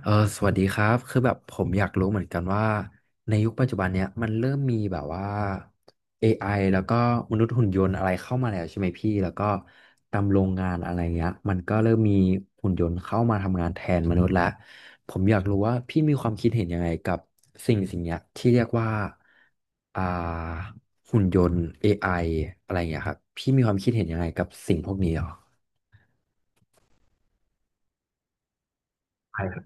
เออสวัสดีครับคือแบบผมอยากรู้เหมือนกันว่าในยุคปัจจุบันเนี้ยมันเริ่มมีแบบว่า AI แล้วก็มนุษย์หุ่นยนต์อะไรเข้ามาแล้วใช่ไหมพี่แล้วก็ตามโรงงานอะไรเงี้ยมันก็เริ่มมีหุ่นยนต์เข้ามาทำงานแทนมนุษย์ละผมอยากรู้ว่าพี่มีความคิดเห็นยังไงกับสิ่งเนี้ยที่เรียกว่าอ่าหุ่นยนต์ AI อไออะไรเงี้ยครับพี่มีความคิดเห็นยังไงกับสิ่งพวกนี้หรอใช่ครับ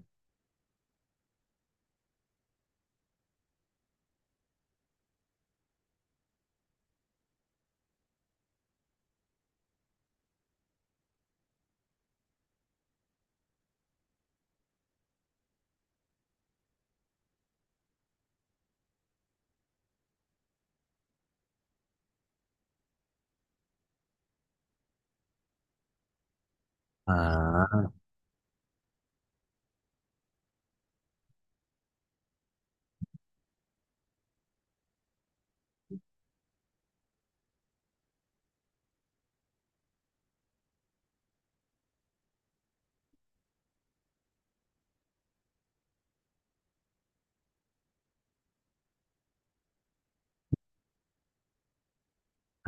อ่า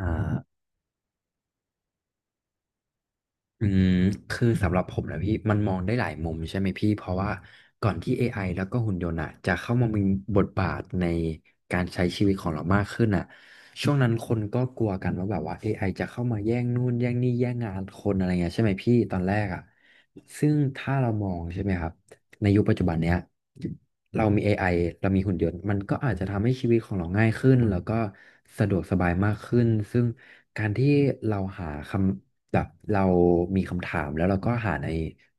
อ่า อืมคือสำหรับผมนะพี่มันมองได้หลายมุมใช่ไหมพี่เพราะว่าก่อนที่ AI แล้วก็หุ่นยนต์อะจะเข้ามามีบทบาทในการใช้ชีวิตของเรามากขึ้นอ่ะช่วงนั้นคนก็กลัวกันว่าแบบว่า AI จะเข้ามาแย่งนู่นแย่งนี่แย่งงานคนอะไรเงี้ยใช่ไหมพี่ตอนแรกอ่ะซึ่งถ้าเรามองใช่ไหมครับในยุคปัจจุบันเนี้ย เรามี AI เรามีหุ่นยนต์มันก็อาจจะทำให้ชีวิตของเราง่ายขึ้นแล้วก็สะดวกสบายมากขึ้นซึ่งการที่เราหาคำแบบเรามีคำถามแล้วเราก็หาใน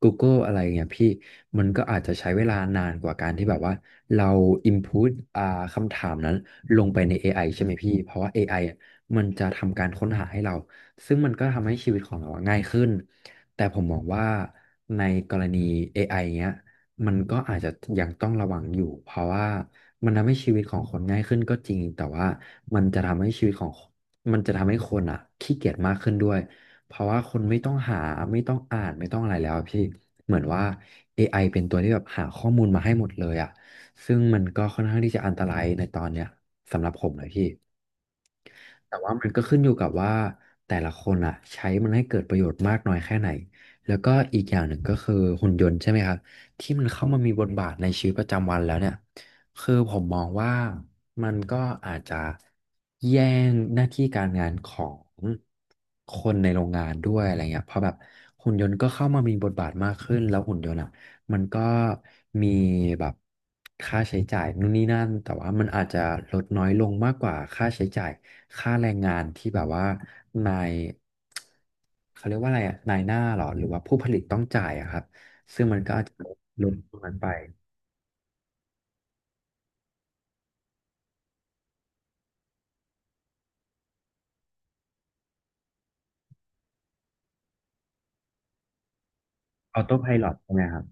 Google อะไรเงี้ยพี่มันก็อาจจะใช้เวลานานกว่าการที่แบบว่าเรา input อ่าคำถามนั้นลงไปใน AI ใช่ไหมพี่เพราะว่า AI อไออะมันจะทำการค้นหาให้เราซึ่งมันก็ทำให้ชีวิตของเราอะง่ายขึ้นแต่ผมมองว่าในกรณี AI เงี้ย มันก็อาจจะยังต้องระวังอยู่เพราะว่ามันทำให้ชีวิตของคนง่ายขึ้นก็จริงแต่ว่ามันจะทำให้ชีวิตของมันจะทำให้คนอ่ะขี้เกียจมากขึ้นด้วยเพราะว่าคนไม่ต้องหาไม่ต้องอ่านไม่ต้องอะไรแล้วอะพี่เหมือนว่าเอไอเป็นตัวที่แบบหาข้อมูลมาให้หมดเลยอ่ะซึ่งมันก็ค่อนข้างที่จะอันตรายในตอนเนี้ยสำหรับผมเลยพี่ แต่ว่ามันก็ขึ้นอยู่กับว่าแต่ละคนอ่ะใช้มันให้เกิดประโยชน์มากน้อยแค่ไหนแล้วก็อีกอย่างหนึ่งก็คือหุ่นยนต์ใช่ไหมครับที่มันเข้ามามีบทบาทในชีวิตประจำวันแล้วเนี่ยคือผมมองว่ามันก็อาจจะแย่งหน้าที่การงานของคนในโรงงานด้วยอะไรเงี้ยเพราะแบบหุ่นยนต์ก็เข้ามามีบทบาทมากขึ้นแล้วหุ่นยนต์อะ มันก็มีแบบค่าใช้จ่ายนู่นนี่นั่นแต่ว่ามันอาจจะลดน้อยลงมากกว่าค่าใช้จ่ายค่าแรงงานที่แบบว่านายเขาเรียกว่าอะไรอะนายหน้าเหรอหรือว่าผู้ผลิตต้องจ่ายอะครับซึ่งมันก็อาจจะลดตรงนั้นไปออโต้ไพลอตใช่ไหมครับ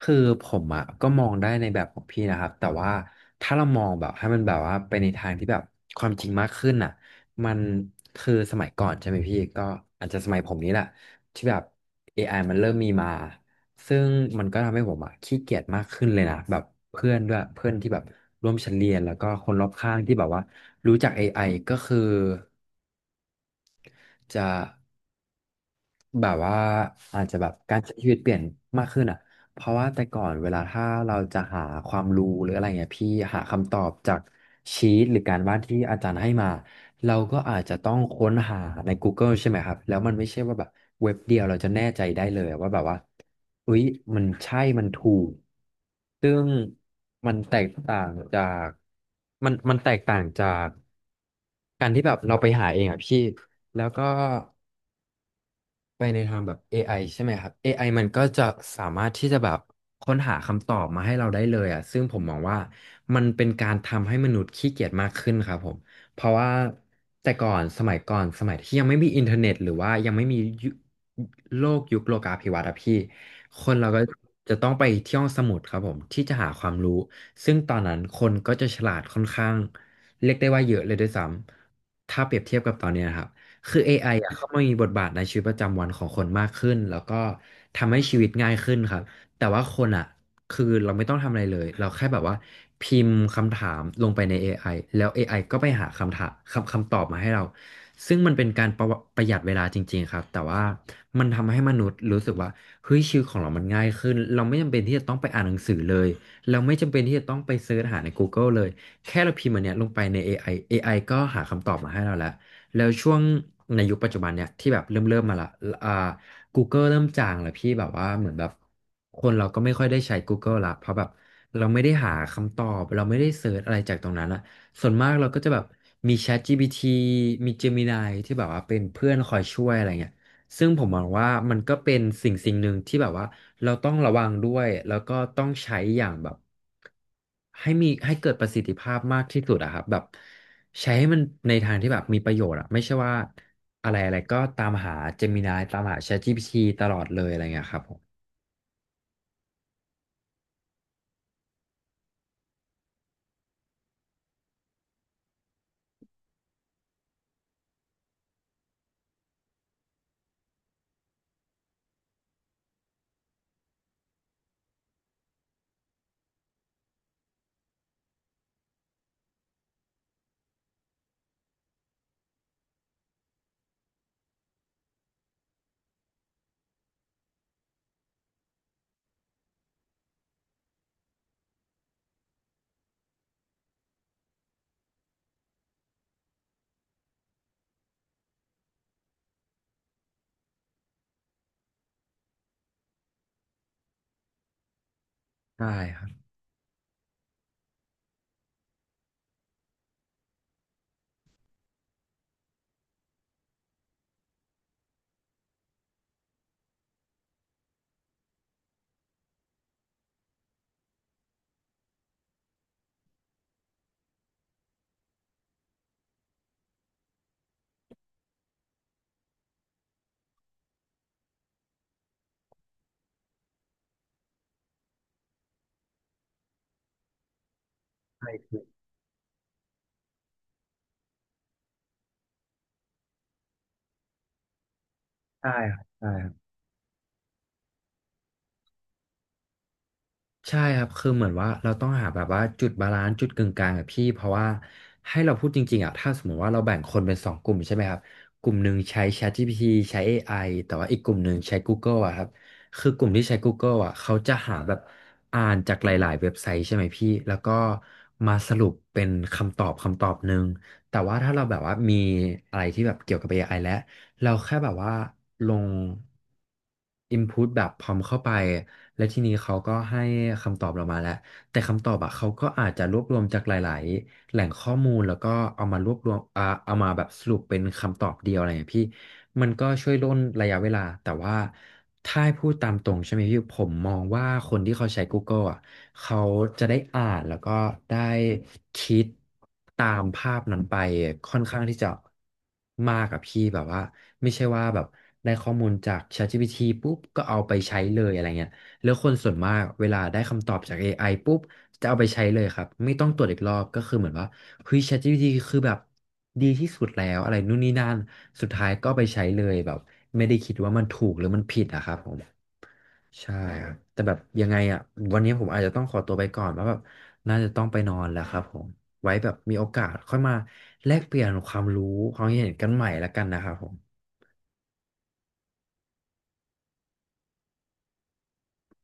คือผมอ่ะก็มองได้ในแบบของพี่นะครับแต่ว่าถ้าเรามองแบบให้มันแบบว่าไปในทางที่แบบความจริงมากขึ้นอ่ะมันคือสมัยก่อนใช่ไหมพี่ก็อาจจะสมัยผมนี้แหละที่แบบ a อไอมันเริ่มมีมาซึ่งมันก็ทำให้ผมอ่ะขี้เกียจมากขึ้นเลยนะแบบเพื่อนด้วยเพื่อนที่แบบร่วมชั้นเรียนแล้วก็คนรอบข้างที่แบบว่ารู้จักเอไ i ก็คือจะ แบบว่าอาจจะแบบการใช้ชีวิตเปลี่ยนมากขึ้นอ่ะเพราะว่าแต่ก่อนเวลาถ้าเราจะหาความรู้หรืออะไรเงี้ยพี่หาคำตอบจากชีตหรือการบ้านที่อาจารย์ให้มาเราก็อาจจะต้องค้นหาใน Google ใช่ไหมครับแล้วมันไม่ใช่ว่าแบบเว็บเดียวเราจะแน่ใจได้เลยว่าแบบว่าอุ๊ยมันใช่มันถูกซึ่งมันแตกต่างจากมันแตกต่างจากการที่แบบเราไปหาเองอ่ะพี่แล้วก็ ไปในทางแบบ AI ใช่ไหมครับ AI มันก็จะสามารถที่จะแบบค้นหาคำตอบมาให้เราได้เลยอ่ะซึ่งผมมองว่ามันเป็นการทำให้มนุษย์ขี้เกียจมากขึ้นครับผม เพราะว่าแต่ก่อนสมัยก่อนสมัยที่ยังไม่มีอินเทอร์เน็ตหรือว่ายังไม่มียุโลกยุคโลกาภิวัตน์อะพี่ คนเราก็จะต้องไปที่ห้องสมุดครับผมที่จะหาความรู้ ซึ่งตอนนั้นคนก็จะฉลาดค่อนข้างเรียกได้ว่าเยอะเลยด้วยซ้ำถ้าเปรียบเทียบกับตอนเนี้ยนะครับ คือ AI อ่ะเข้ามามีบทบาทในชีวิตประจำวันของคนมากขึ้นแล้วก็ทำให้ชีวิตง่ายขึ้นครับแต่ว่าคนอ่ะคือเราไม่ต้องทำอะไรเลยเราแค่แบบว่าพิมพ์คำถามลงไปใน AI แล้ว AI ก็ไปหาคำถามคำตอบมาให้เราซึ่งมันเป็นการประหยัดเวลาจริงๆครับแต่ว่ามันทำให้มนุษย์รู้สึกว่าเฮ้ยชีวิตของเรามันง่ายขึ้นเราไม่จำเป็นที่จะต้องไปอ่านหนังสือเลยเราไม่จำเป็นที่จะต้องไปเสิร์ชหาใน Google เลยแค่เราพิมพ์อันเนี้ยลงไปใน AI AI ก็หาคำตอบมาให้เราแล้ว แล้วช่วงในยุคปัจจุบันเนี่ยที่แบบเริ่มมาละอ่า Google เริ่มจางแล้วพี่แบบว่าเหมือนแบบคนเราก็ไม่ค่อยได้ใช้ Google ละเพราะแบบเราไม่ได้หาคำตอบเราไม่ได้เสิร์ชอะไรจากตรงนั้นอะส่วนมากเราก็จะแบบมี ChatGPT มี Gemini ที่แบบว่าเป็นเพื่อนคอยช่วยอะไรเงี้ยซึ่งผมมองว่ามันก็เป็นสิ่งหนึ่งที่แบบว่าเราต้องระวังด้วยแล้วก็ต้องใช้อย่างแบบให้มีให้เกิดประสิทธิภาพมากที่สุดอะครับแบบ ใช้ให้มันในทางที่แบบมีประโยชน์อะไม่ใช่ว่าอะไรอะไรก็ตามหา Gemini ตามหา ChatGPT ตลอดเลยอะไรเงี้ยครับผมใช่ครับใช่ครับใช่ครับ ใช่ครับ คือเหมือนว่าเราต้องหาแบบว่าจุดบาลานซ์จุดกึ่งกลางอะพี่เพราะว่าให้เราพูดจริงๆอะถ้าสมมติว่าเราแบ่งคนเป็นสองกลุ่มใช่ไหมครับกลุ่มหนึ่งใช้ ChatGPT ใช้ AI แต่ว่าอีกกลุ่มหนึ่งใช้ Google อะครับคือกลุ่มที่ใช้ Google อะเขาจะหาแบบอ่านจากหลายๆเว็บไซต์ใช่ไหมพี่แล้วก็มาสรุปเป็นคำตอบหนึ่งแต่ว่าถ้าเราแบบว่ามีอะไรที่แบบเกี่ยวกับ AI แล้ว เราแค่แบบว่าลง input แบบพร้อมเข้าไปและทีนี้เขาก็ให้คำตอบเรามาแล้วแต่คำตอบอะเขาก็อาจจะรวบรวมจากหลายๆ แหล่งข้อมูลแล้วก็เอามารวบรวมเอามาแบบสรุปเป็นคำตอบเดียวอะไรอย่างเงี้ยพี่มันก็ช่วยร่นระยะเวลาแต่ว่าถ้าให้พูดตามตรงใช่ไหมพี่ผมมองว่าคนที่เขาใช้ Google อ่ะเขาจะได้อ่านแล้วก็ได้คิดตามภาพนั้นไปค่อนข้างที่จะมากอะพี่แบบว่า ไม่ใช่ว่าแบบได้ข้อมูลจาก ChatGPT ปุ๊บก็เอาไปใช้เลยอะไรเงี้ยแล้วคนส่วนมากเวลาได้คำตอบจาก AI ปุ๊บจะเอาไปใช้เลยครับไม่ต้องตรวจอีกรอบก็คือเหมือนว่าเฮ้ย ChatGPT คือแบบดีที่สุดแล้วอะไรนู่นนี่นั่นสุดท้ายก็เอาไปใช้เลยแบบไม่ได้คิดว่ามันถูกหรือมันผิดอะครับผมใช่ครับแต่แบบยังไงอ่ะวันนี้ผมอาจจะต้องขอตัวไปก่อนเพราะแบบน่าจะต้องไปนอนแล้วครับผมไว้แบบมีโอกาสค่อยมาแลกเปลี่ยนความรู้ความเห็นกันใหม่แล้วกันนะครับผม